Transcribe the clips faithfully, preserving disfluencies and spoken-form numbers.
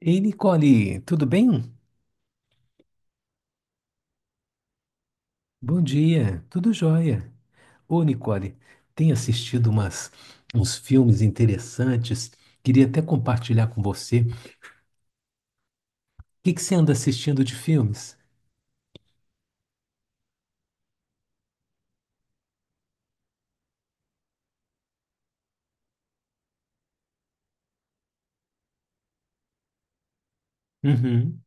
Ei, Nicole, tudo bem? Bom dia, tudo jóia. Ô, Nicole, tenho assistido umas, uns filmes interessantes, queria até compartilhar com você. O que que você anda assistindo de filmes? Uhum.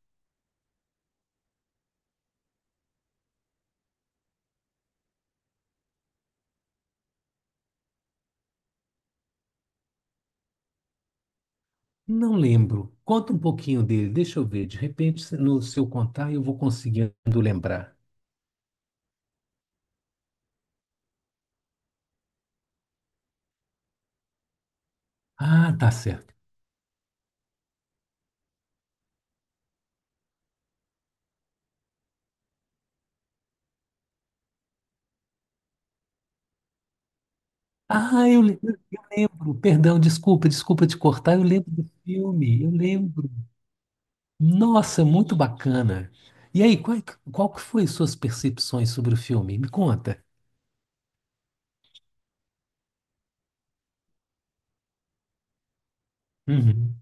Não lembro. Conta um pouquinho dele, deixa eu ver. De repente, se- no seu contar, eu vou conseguindo lembrar. Ah, tá certo. Ah, eu, le- eu lembro. Perdão, desculpa, desculpa te cortar. Eu lembro do filme, eu lembro. Nossa, muito bacana. E aí, qual, qual que foi suas percepções sobre o filme? Me conta. Uhum.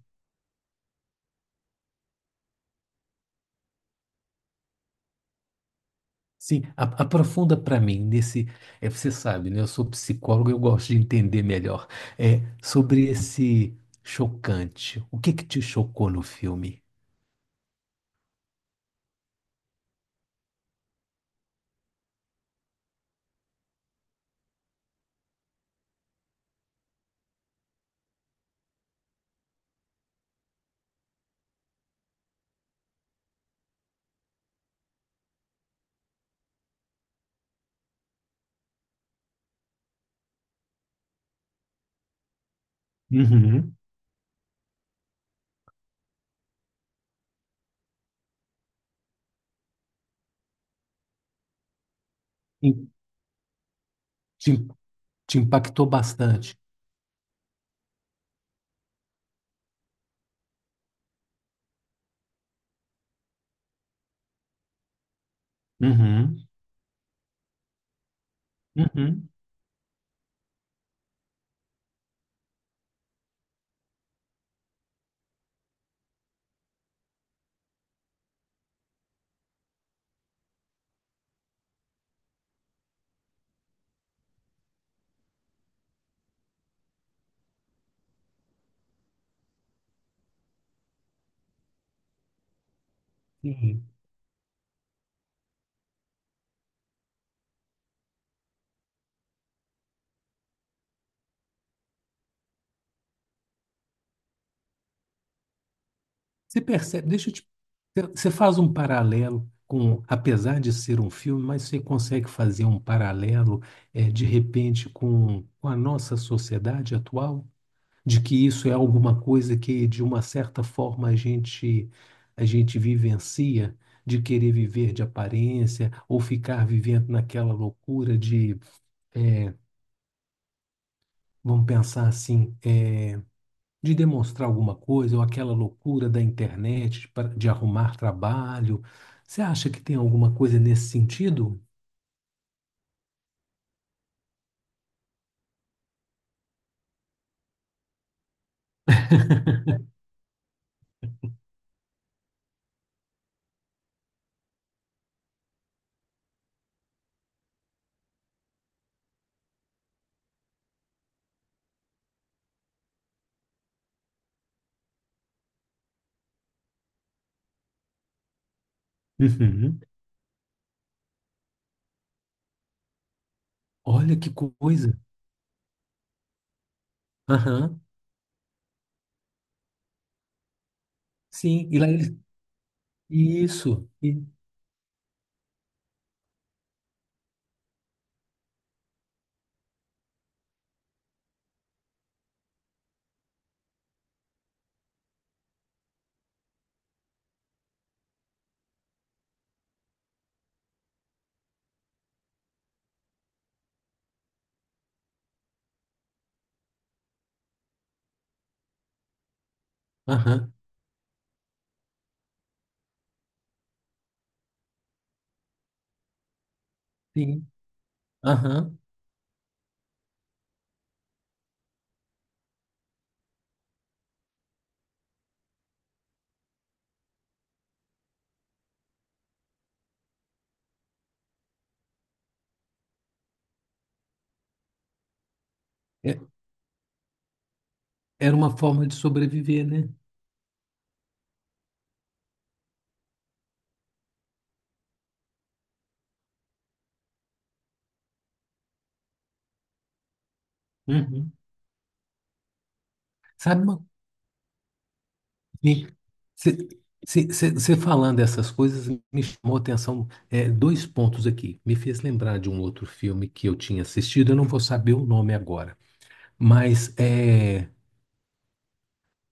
Sim, a- aprofunda para mim nesse. É, você sabe, né? Eu sou psicólogo, eu gosto de entender melhor. É, sobre esse chocante. O que que te chocou no filme? Uhum. Em- Te, te impactou bastante. Uhum. Uhum. Sim. Você percebe, deixa eu te, você faz um paralelo com, apesar de ser um filme, mas você consegue fazer um paralelo, eh, de repente, com, com a nossa sociedade atual, de que isso é alguma coisa que, de uma certa forma, a gente, a gente vivencia, de querer viver de aparência, ou ficar vivendo naquela loucura de, é, vamos pensar assim, é, de demonstrar alguma coisa, ou aquela loucura da internet de, pa- de arrumar trabalho. Você acha que tem alguma coisa nesse sentido? Uhum. Olha que coisa. Aham. Sim, e lá eles. Isso. E- Aham. Sim. Aham. É- Era uma forma de sobreviver, né? Uhum. Sabe uma. Você falando essas coisas me chamou a atenção é, dois pontos aqui. Me fez lembrar de um outro filme que eu tinha assistido, eu não vou saber o nome agora. Mas é,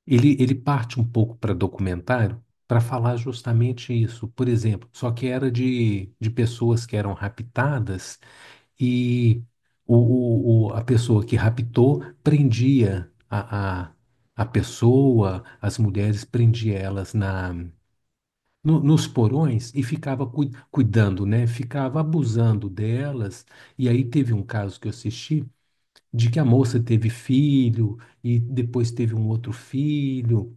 ele, ele parte um pouco para documentário para falar justamente isso. Por exemplo, só que era de, de pessoas que eram raptadas e o, o- o- a pessoa que raptou prendia a, a, a pessoa, as mulheres prendia elas na, no- nos porões e ficava cui- cuidando, né? Ficava abusando delas. E aí teve um caso que eu assisti de que a moça teve filho e depois teve um outro filho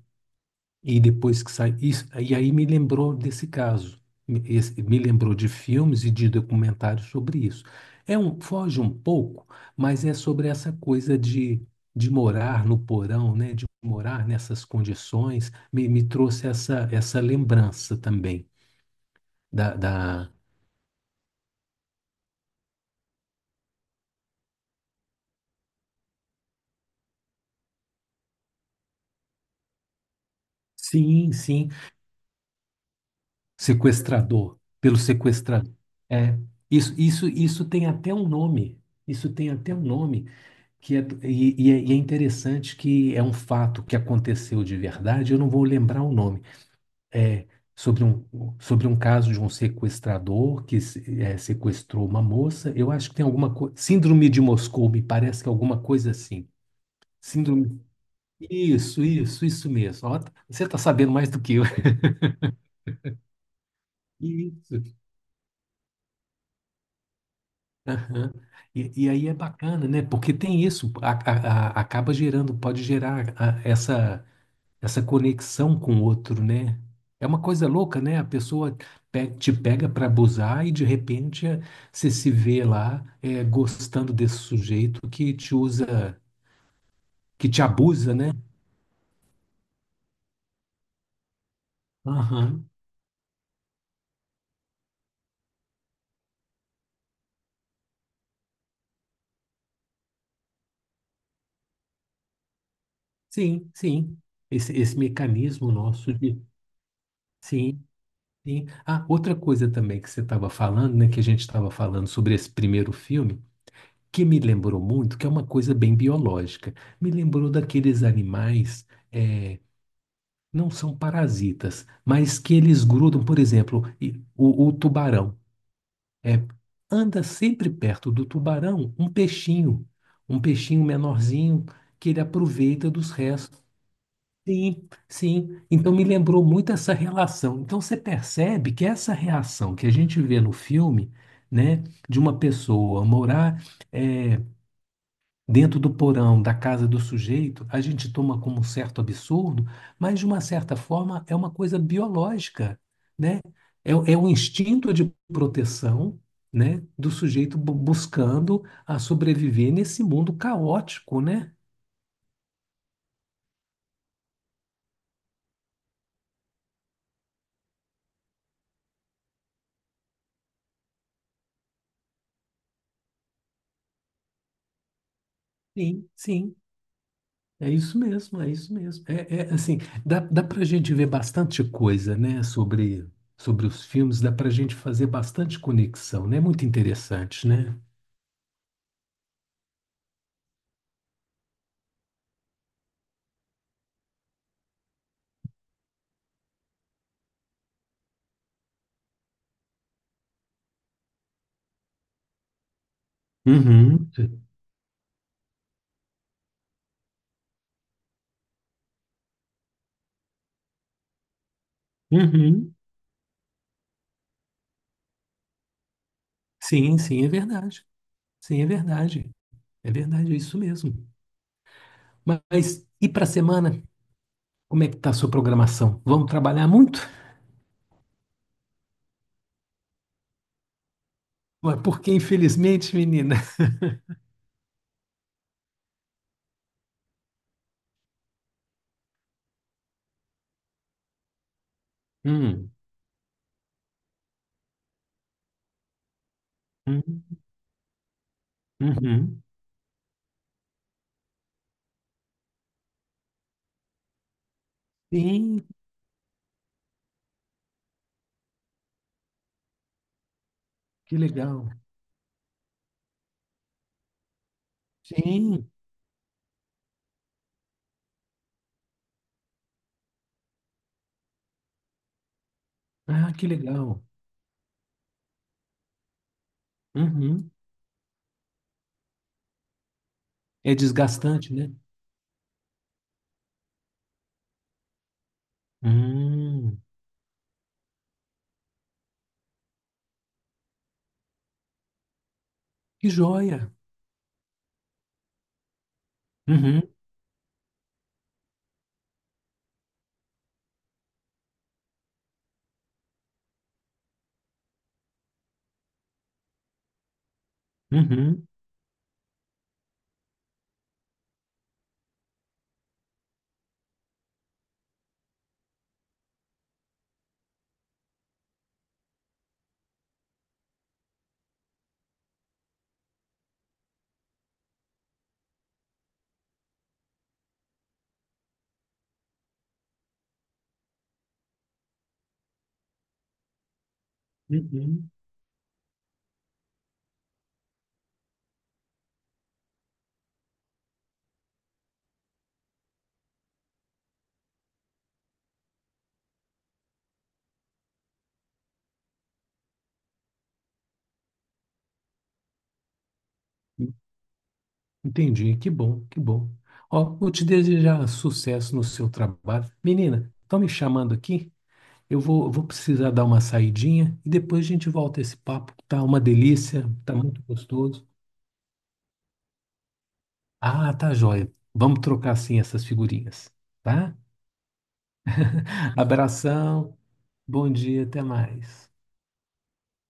e depois que saiu isso e aí me lembrou desse caso, me esse- me lembrou de filmes e de documentários sobre isso. É, um foge um pouco, mas é sobre essa coisa de de morar no porão, né, de morar nessas condições. Me, me trouxe essa essa lembrança também da, da... sim, sim. Sequestrador, pelo sequestrador. É, isso, isso, isso tem até um nome. Isso tem até um nome que é, e, e é, e é interessante, que é um fato que aconteceu de verdade. Eu não vou lembrar o nome. É sobre um, sobre um caso de um sequestrador que se- é, sequestrou uma moça. Eu acho que tem alguma coisa. Síndrome de Moscou, me parece que é alguma coisa assim. Síndrome. Isso, isso, isso mesmo. Ó, você está sabendo mais do que eu. Isso. Aham. E, e aí é bacana, né? Porque tem isso, a- a- a- acaba gerando, pode gerar a- essa, essa conexão com o outro, né? É uma coisa louca, né? A pessoa pe- te pega para abusar e de repente é, você se vê lá é, gostando desse sujeito que te usa, que te abusa, né? Aham. Sim, sim. Esse, esse mecanismo nosso de. Sim, sim. Ah, outra coisa também que você estava falando, né? Que a gente estava falando sobre esse primeiro filme, que me lembrou muito, que é uma coisa bem biológica. Me lembrou daqueles animais, eh, não são parasitas, mas que eles grudam, por exemplo, e- o, o tubarão. eh, Anda sempre perto do tubarão um peixinho, um peixinho menorzinho que ele aproveita dos restos. Sim, sim. Então me lembrou muito essa relação. Então você percebe que essa reação que a gente vê no filme, né, de uma pessoa morar eh, dentro do porão da casa do sujeito, a gente toma como um certo absurdo, mas de uma certa forma é uma coisa biológica, né? É, é um instinto de proteção, né, do sujeito bu- buscando a sobreviver nesse mundo caótico, né? Sim, sim. É isso mesmo, é isso mesmo. É, é, assim, dá, dá para a gente ver bastante coisa, né, sobre, sobre os filmes, dá para a gente fazer bastante conexão, né? Muito interessante, né? Uhum, uhum. Sim, sim, é verdade. Sim, é verdade. É verdade, é isso mesmo. Mas e para a semana? Como é que tá a sua programação? Vamos trabalhar muito? Ué, porque, infelizmente, menina. Hum, hum, uhum. Sim, que legal. Sim, ah, que legal. Uhum. É desgastante, né? Hum, que joia. Uhum, uhum, uhum. Entendi, que bom, que bom. Ó, vou te desejar sucesso no seu trabalho. Menina, estão me chamando aqui? Eu vou, vou precisar dar uma saidinha e depois a gente volta esse papo, que tá uma delícia, tá muito gostoso. Ah, tá joia. Vamos trocar sim essas figurinhas, tá? Abração, bom dia, até mais.